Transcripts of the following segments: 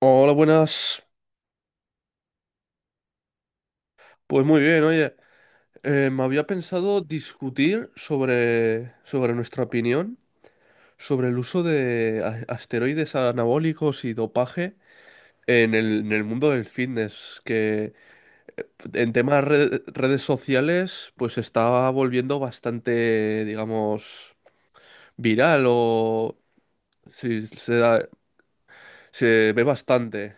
Hola, buenas. Pues muy bien, oye. Me había pensado discutir sobre nuestra opinión sobre el uso de asteroides anabólicos y dopaje en el mundo del fitness, que en temas de redes sociales pues se está volviendo bastante, digamos, viral o sí, se ve bastante.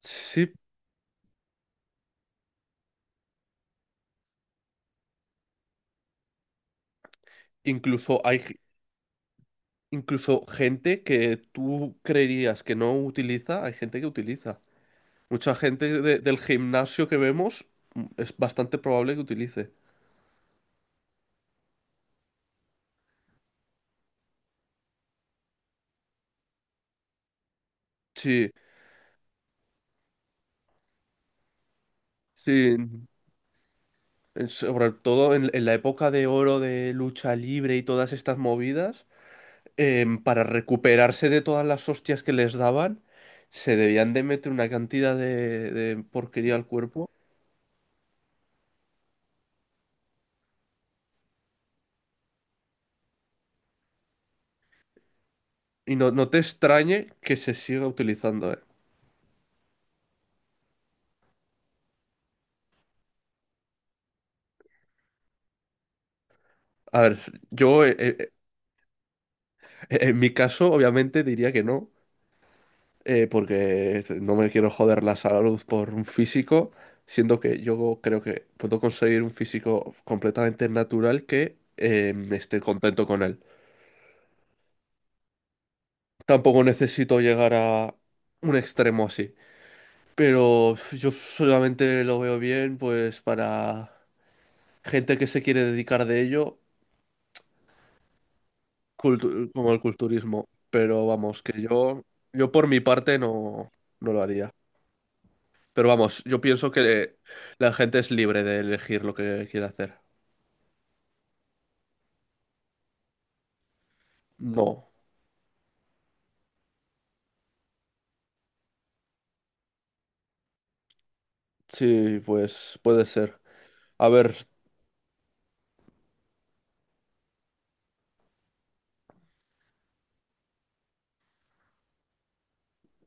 Sí, incluso hay, incluso gente que tú creerías que no utiliza, hay gente que utiliza. Mucha gente del gimnasio que vemos es bastante probable que utilice. Sí, sí, sobre todo en la época de oro de lucha libre y todas estas movidas, para recuperarse de todas las hostias que les daban, se debían de meter una cantidad de porquería al cuerpo. Y no, no te extrañe que se siga utilizando, ¿eh? A ver, yo, eh, eh, en mi caso, obviamente, diría que no, porque no me quiero joder la salud por un físico, siendo que yo creo que puedo conseguir un físico completamente natural que esté contento con él. Tampoco necesito llegar a un extremo así, pero yo solamente lo veo bien, pues, para gente que se quiere dedicar de ello, como el culturismo. Pero vamos, que yo por mi parte no, no lo haría. Pero vamos, yo pienso que la gente es libre de elegir lo que quiere hacer. No, sí, pues puede ser. A ver,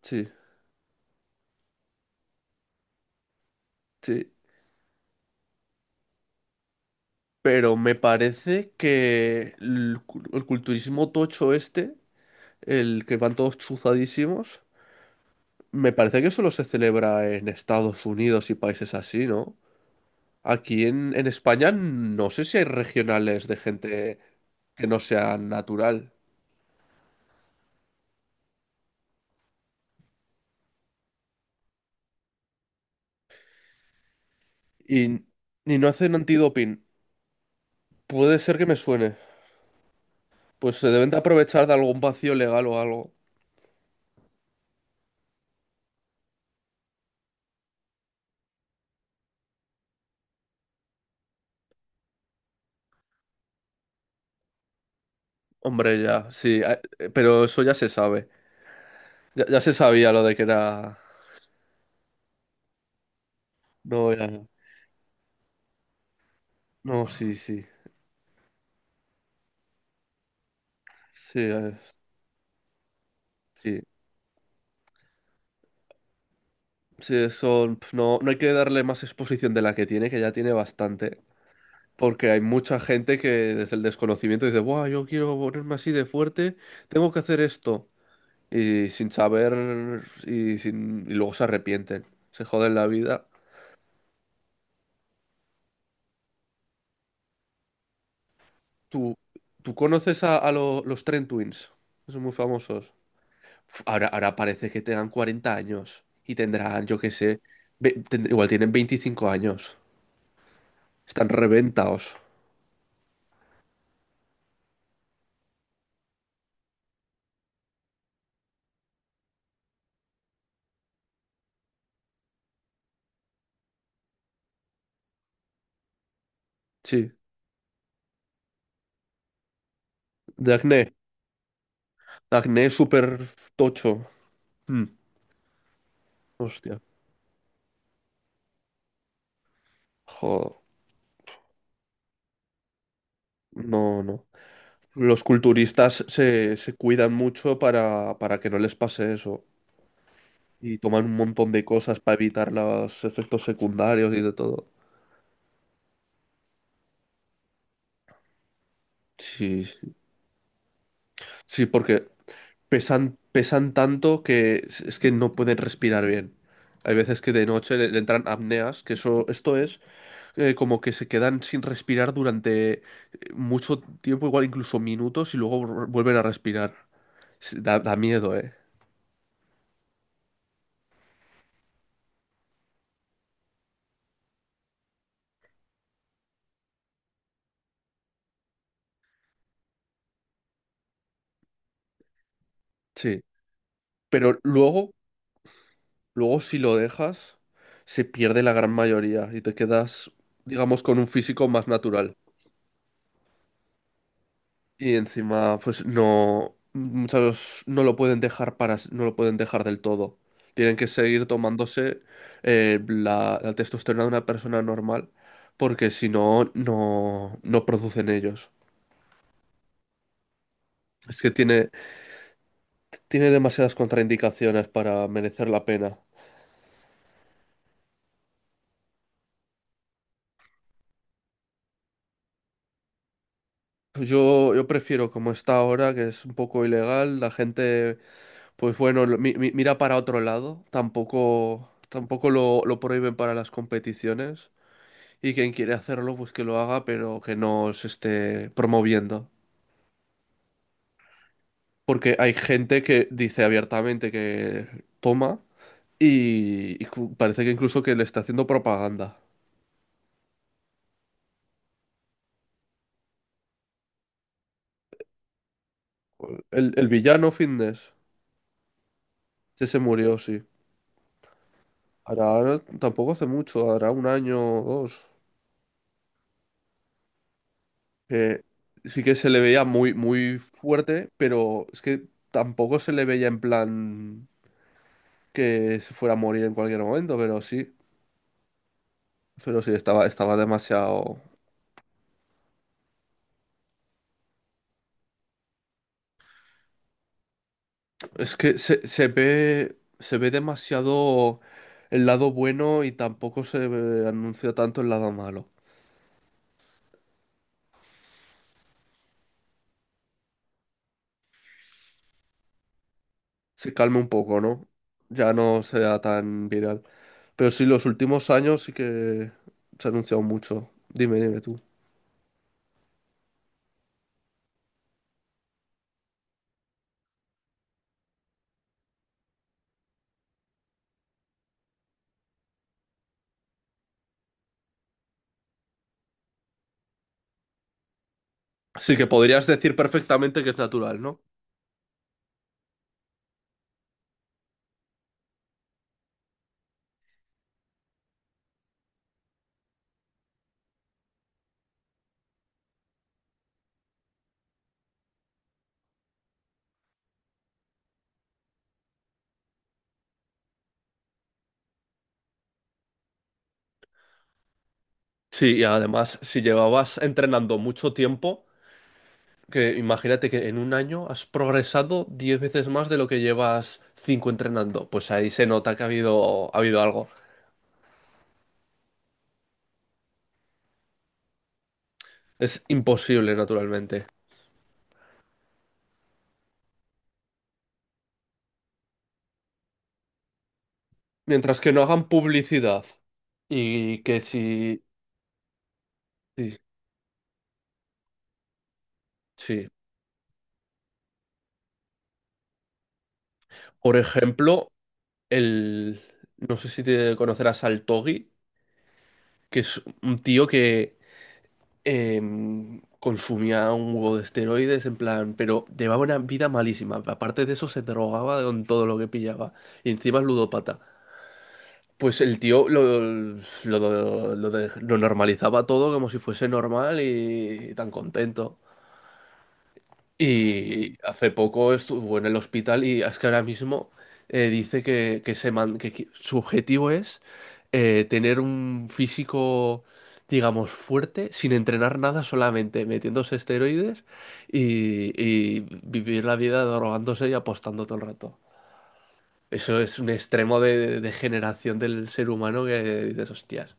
sí, sí. Pero me parece que el culturismo tocho este, el que van todos chuzadísimos, me parece que solo se celebra en Estados Unidos y países así, ¿no? Aquí en España no sé si hay regionales de gente que no sea natural. Y, y no hacen antidoping. Puede ser que me suene. Pues se deben de aprovechar de algún vacío legal o algo. Hombre, ya, sí, pero eso ya se sabe. Ya, ya se sabía lo de que era... No, sí, sí. Sí, sí. Sí, eso... pf, no, no hay que darle más exposición de la que tiene, que ya tiene bastante. Porque hay mucha gente que desde el desconocimiento dice, ¡buah, yo quiero ponerme así de fuerte, tengo que hacer esto! Y sin saber... Y, sin... y luego se arrepienten. Se joden la vida. ¿Tú, tú conoces a, los Trent Twins? Que son muy famosos. Uf, ahora, ahora parece que tengan 40 años y tendrán, yo qué sé, igual tienen 25 años. Están reventados. Sí, de acné. Acné súper tocho. Mm, hostia. Joder. No, no. Los culturistas se cuidan mucho para que no les pase eso. Y toman un montón de cosas para evitar los efectos secundarios y de todo. Sí, sí. Sí, porque pesan, pesan tanto que es que no pueden respirar bien. Hay veces que de noche le, le entran apneas, que eso, esto es como que se quedan sin respirar durante mucho tiempo, igual incluso minutos, y luego vuelven a respirar. Sí, da, da miedo, ¿eh? Sí. Pero luego, luego si lo dejas, se pierde la gran mayoría y te quedas, digamos, con un físico más natural. Y encima, pues no, muchos no lo pueden dejar para, no lo pueden dejar del todo. Tienen que seguir tomándose la, la testosterona de una persona normal, porque si no, no, no producen ellos. Es que tiene, tiene demasiadas contraindicaciones para merecer la pena. Yo prefiero, como está ahora, que es un poco ilegal, la gente, pues bueno, mira para otro lado. Tampoco, tampoco lo, lo prohíben para las competiciones. Y quien quiere hacerlo, pues que lo haga, pero que no se esté promoviendo. Porque hay gente que dice abiertamente que toma y, parece que incluso que le está haciendo propaganda. El villano Fitness, que se murió, sí. Ahora tampoco hace mucho, hará un año o dos. Que sí que se le veía muy, muy fuerte, pero es que tampoco se le veía en plan que se fuera a morir en cualquier momento, pero sí. Pero sí, estaba, estaba demasiado. Es que se ve demasiado el lado bueno y tampoco anuncia tanto el lado malo. Se calma un poco, ¿no? Ya no sea tan viral. Pero sí, los últimos años sí que se ha anunciado mucho. Dime, dime tú. Sí que podrías decir perfectamente que es natural, ¿no? Sí, y además, si llevabas entrenando mucho tiempo, que imagínate que en un año has progresado 10 veces más de lo que llevas 5 entrenando, pues ahí se nota que ha habido algo. Es imposible, naturalmente. Mientras que no hagan publicidad y que si... Sí, sí. Por ejemplo, el... No sé si te conocerás al Togi, que es un tío que consumía un huevo de esteroides, en plan, pero llevaba una vida malísima. Aparte de eso, se drogaba con todo lo que pillaba. Y encima es ludópata. Pues el tío lo normalizaba todo como si fuese normal y tan contento. Y hace poco estuvo en el hospital y es que ahora mismo dice que se man- que qui- su objetivo es tener un físico, digamos, fuerte, sin entrenar nada, solamente metiéndose esteroides y vivir la vida drogándose y apostando todo el rato. Eso es un extremo de degeneración del ser humano que dices, hostias,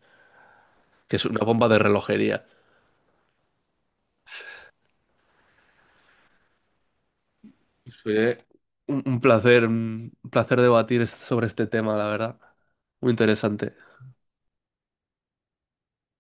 que es una bomba de relojería. Fue un placer debatir sobre este tema, la verdad. Muy interesante.